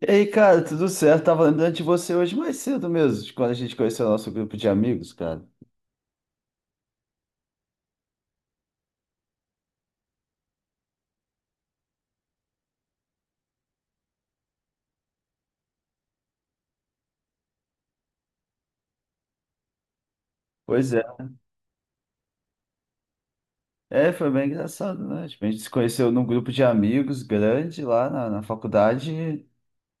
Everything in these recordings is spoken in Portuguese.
E aí, cara, tudo certo? Tava lembrando de você hoje mais cedo mesmo, de quando a gente conheceu o nosso grupo de amigos, cara. Pois é. É, foi bem engraçado, né? A gente se conheceu num grupo de amigos grande lá na faculdade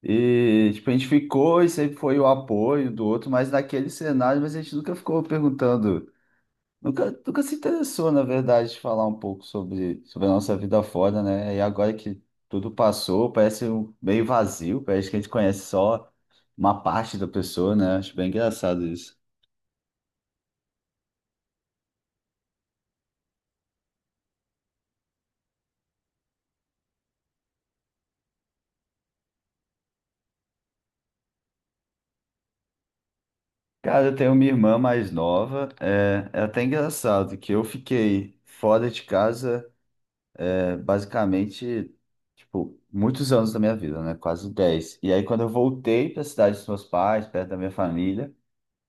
e, a gente ficou e sempre foi o apoio do outro, mas naquele cenário, mas a gente nunca ficou perguntando. Nunca se interessou, na verdade, de falar um pouco sobre a nossa vida fora, né? E agora que tudo passou, meio vazio, parece que a gente conhece só uma parte da pessoa, né? Acho bem engraçado isso. Cara, eu tenho uma irmã mais nova, é até engraçado que eu fiquei fora de casa, basicamente, tipo, muitos anos da minha vida, né? Quase 10. E aí, quando eu voltei para a cidade dos meus pais, perto da minha família,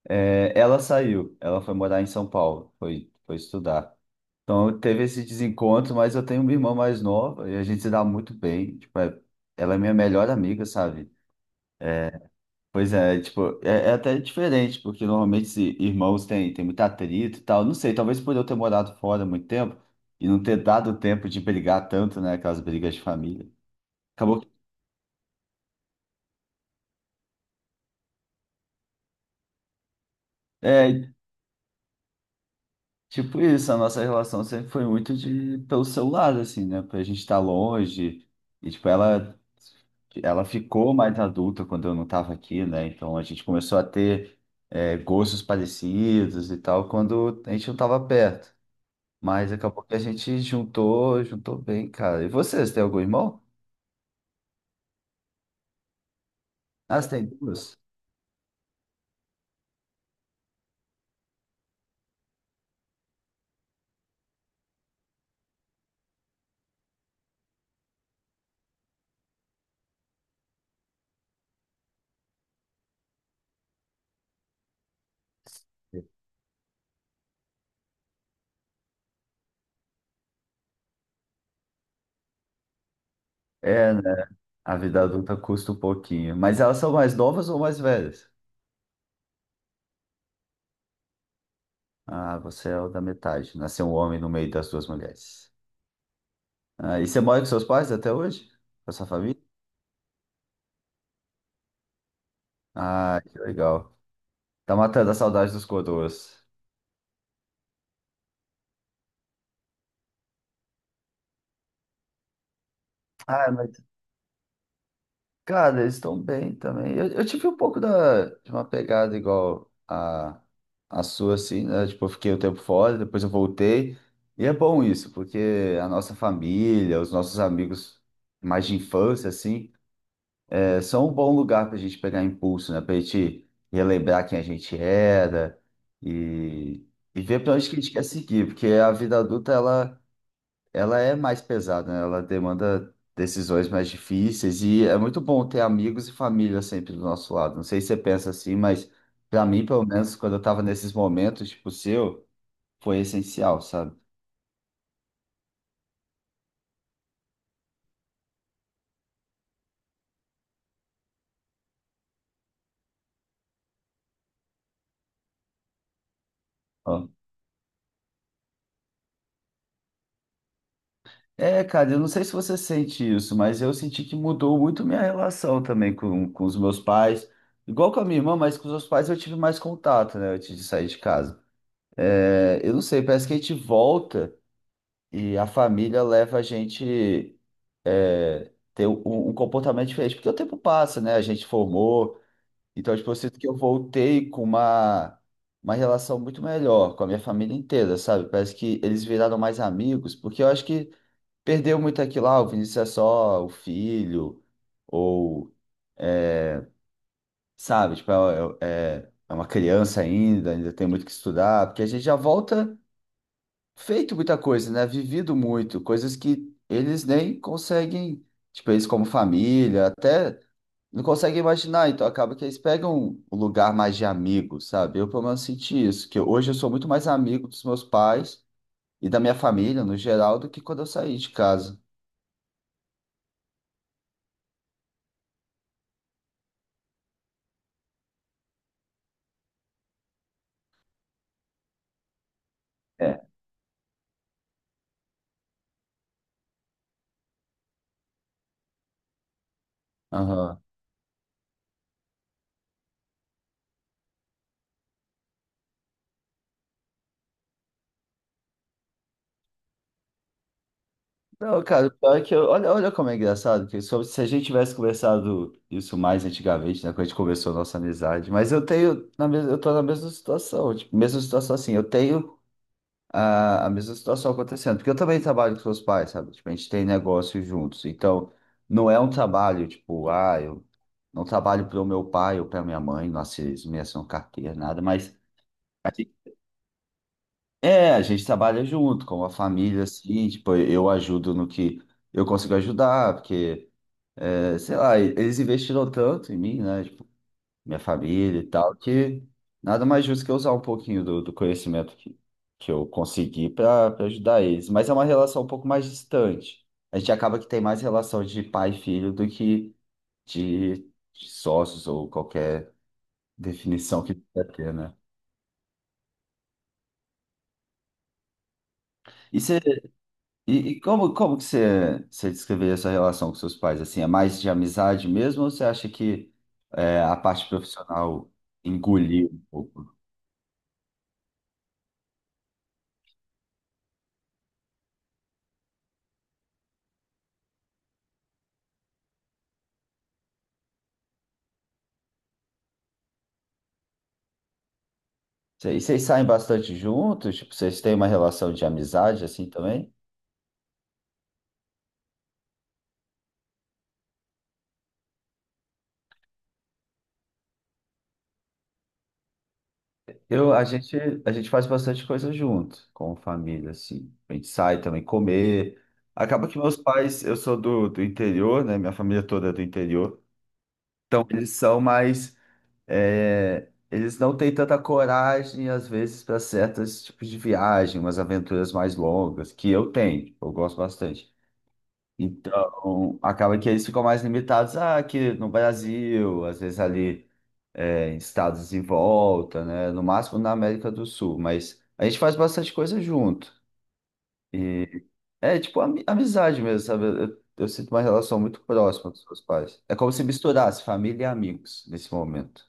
é, ela saiu, ela foi morar em São Paulo, foi estudar. Então teve esse desencontro, mas eu tenho uma irmã mais nova e a gente se dá muito bem. Ela é minha melhor amiga, sabe? Pois é, tipo, é até diferente, porque normalmente se irmãos têm tem muito atrito e tal. Não sei, talvez por eu ter morado fora há muito tempo e não ter dado tempo de brigar tanto, né? Aquelas brigas de família. Acabou. É, tipo isso, a nossa relação sempre foi muito de pelo celular, assim, né? Pra gente estar longe. E, tipo, ela ficou mais adulta quando eu não tava aqui, né? Então a gente começou a ter gostos parecidos e tal quando a gente não tava perto. Mas acabou que a gente juntou, juntou bem, cara. E você tem algum irmão? Ah, você tem duas? É, né? A vida adulta custa um pouquinho. Mas elas são mais novas ou mais velhas? Ah, você é o da metade. Nasceu um homem no meio das duas mulheres. Ah, e você mora com seus pais até hoje? Com a sua família? Ah, que legal. Tá matando a saudade dos coroas. Ah, mas, cara, eles estão bem também. Eu tive um pouco de uma pegada igual a sua, assim, né? Tipo, eu fiquei um tempo fora, depois eu voltei. E é bom isso, porque a nossa família, os nossos amigos mais de infância, assim, é só um bom lugar para a gente pegar impulso, né? Para a gente relembrar quem a gente era e, e ver para onde que a gente quer seguir, porque a vida adulta ela é mais pesada, né? Ela demanda decisões mais difíceis e é muito bom ter amigos e família sempre do nosso lado. Não sei se você pensa assim, mas para mim, pelo menos, quando eu estava nesses momentos, tipo o seu, foi essencial, sabe? É, cara, eu não sei se você sente isso, mas eu senti que mudou muito minha relação também com os meus pais. Igual com a minha irmã, mas com os meus pais eu tive mais contato, né, antes de sair de casa. É, eu não sei, parece que a gente volta e a família leva a gente ter um comportamento diferente, porque o tempo passa, né, a gente formou. Então, tipo, eu sinto que eu voltei com uma relação muito melhor com a minha família inteira, sabe? Parece que eles viraram mais amigos, porque eu acho que perdeu muito aquilo, ah, o Vinícius é só o filho, ou, é, sabe, é uma criança ainda, ainda tem muito que estudar, porque a gente já volta feito muita coisa, né? Vivido muito, coisas que eles nem conseguem, tipo, eles como família, até não conseguem imaginar, então acaba que eles pegam um lugar mais de amigo, sabe? Eu, pelo menos, senti isso, que hoje eu sou muito mais amigo dos meus pais e da minha família, no geral, do que quando eu saí de casa. É. Aham. Não, cara, o pior é que eu, olha, como é engraçado, se a gente tivesse conversado isso mais antigamente, né, quando a gente começou a nossa amizade, mas eu tenho, eu tô na mesma situação, tipo, mesma situação assim, eu tenho a mesma situação acontecendo, porque eu também trabalho com seus pais, sabe, tipo, a gente tem negócio juntos, então não é um trabalho, tipo, ah, eu não trabalho para o meu pai ou para minha mãe, nossa, eles não me assinam carteira, nada, mas é, a gente trabalha junto, como a família, assim, tipo, eu ajudo no que eu consigo ajudar, porque, é, sei lá, eles investiram tanto em mim, né, tipo, minha família e tal, que nada mais justo que eu usar um pouquinho do conhecimento que eu consegui para ajudar eles. Mas é uma relação um pouco mais distante. A gente acaba que tem mais relação de pai e filho do que de, de sócios ou qualquer definição que quer ter, né? E você E, como, como que você descreveria essa relação com seus pais? Assim, é mais de amizade mesmo ou você acha que é, a parte profissional engoliu um pouco? Vocês saem bastante juntos? Tipo, vocês têm uma relação de amizade assim também? Eu, a gente, a gente faz bastante coisa junto, com família, assim. A gente sai também comer. Acaba que meus pais, eu sou do interior, né? Minha família toda é do interior. Então, eles são mais é, eles não têm tanta coragem, às vezes, para certos tipos de viagem, umas aventuras mais longas, que eu tenho, tipo, eu gosto bastante. Então, acaba que eles ficam mais limitados ah, aqui no Brasil, às vezes ali é, em estados em volta, né? No máximo na América do Sul, mas a gente faz bastante coisa junto. E é amizade mesmo, sabe? Eu sinto uma relação muito próxima com os meus pais. É como se misturasse família e amigos nesse momento.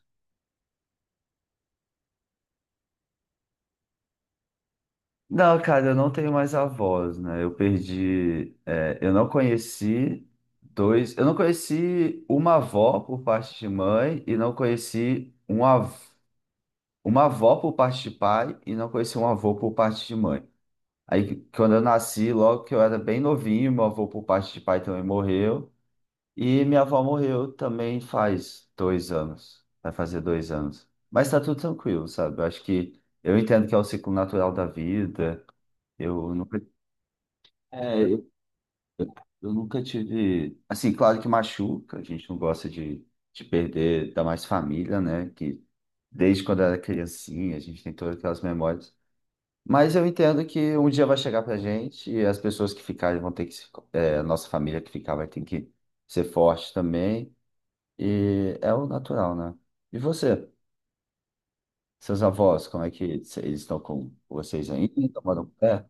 Não, cara, eu não tenho mais avós, né? Eu perdi. É, eu não conheci dois. Eu não conheci uma avó por parte de mãe e não conheci uma avó por parte de pai e não conheci um avô por parte de mãe. Aí, quando eu nasci, logo que eu era bem novinho, meu avô por parte de pai também morreu. E minha avó morreu também faz 2 anos. Vai fazer 2 anos. Mas tá tudo tranquilo, sabe? Eu acho que eu entendo que é o ciclo natural da vida. Eu não é, eu nunca tive. Assim, claro que machuca, a gente não gosta de perder, ainda mais família, né? Que desde quando era criancinha, a gente tem todas aquelas memórias. Mas eu entendo que um dia vai chegar pra gente e as pessoas que ficarem vão ter que. Se- é, a nossa família que ficar vai ter que ser forte também. E é o natural, né? E você? Seus avós, como é que eles estão com vocês ainda? Tomaram pé?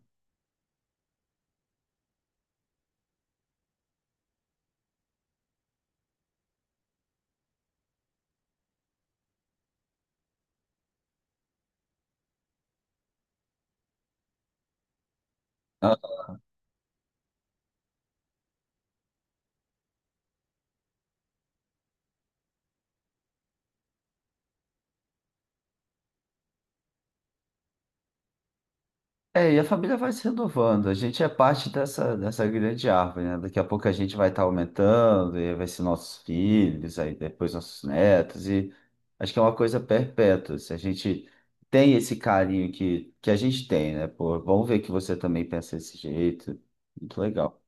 É, e a família vai se renovando. A gente é parte dessa grande árvore, né? Daqui a pouco a gente vai estar aumentando, e aí vai ser nossos filhos, aí depois nossos netos, e acho que é uma coisa perpétua. Se a gente tem esse carinho que a gente tem, né? Pô, vamos ver que você também pensa desse jeito. Muito legal.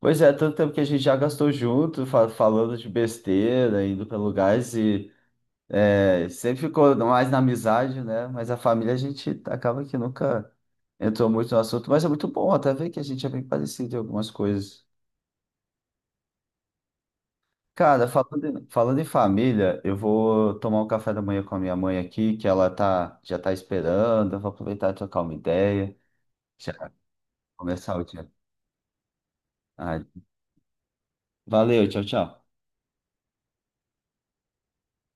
Pois é, tanto tempo que a gente já gastou junto, falando de besteira, indo para lugares é, sempre ficou mais na amizade, né? Mas a família a gente acaba que nunca entrou muito no assunto, mas é muito bom até ver que a gente é bem parecido em algumas coisas. Cara, falando em família, eu vou tomar um café da manhã com a minha mãe aqui, que já tá esperando. Eu vou aproveitar e trocar uma ideia, já começar o dia. Ah, valeu, tchau, tchau.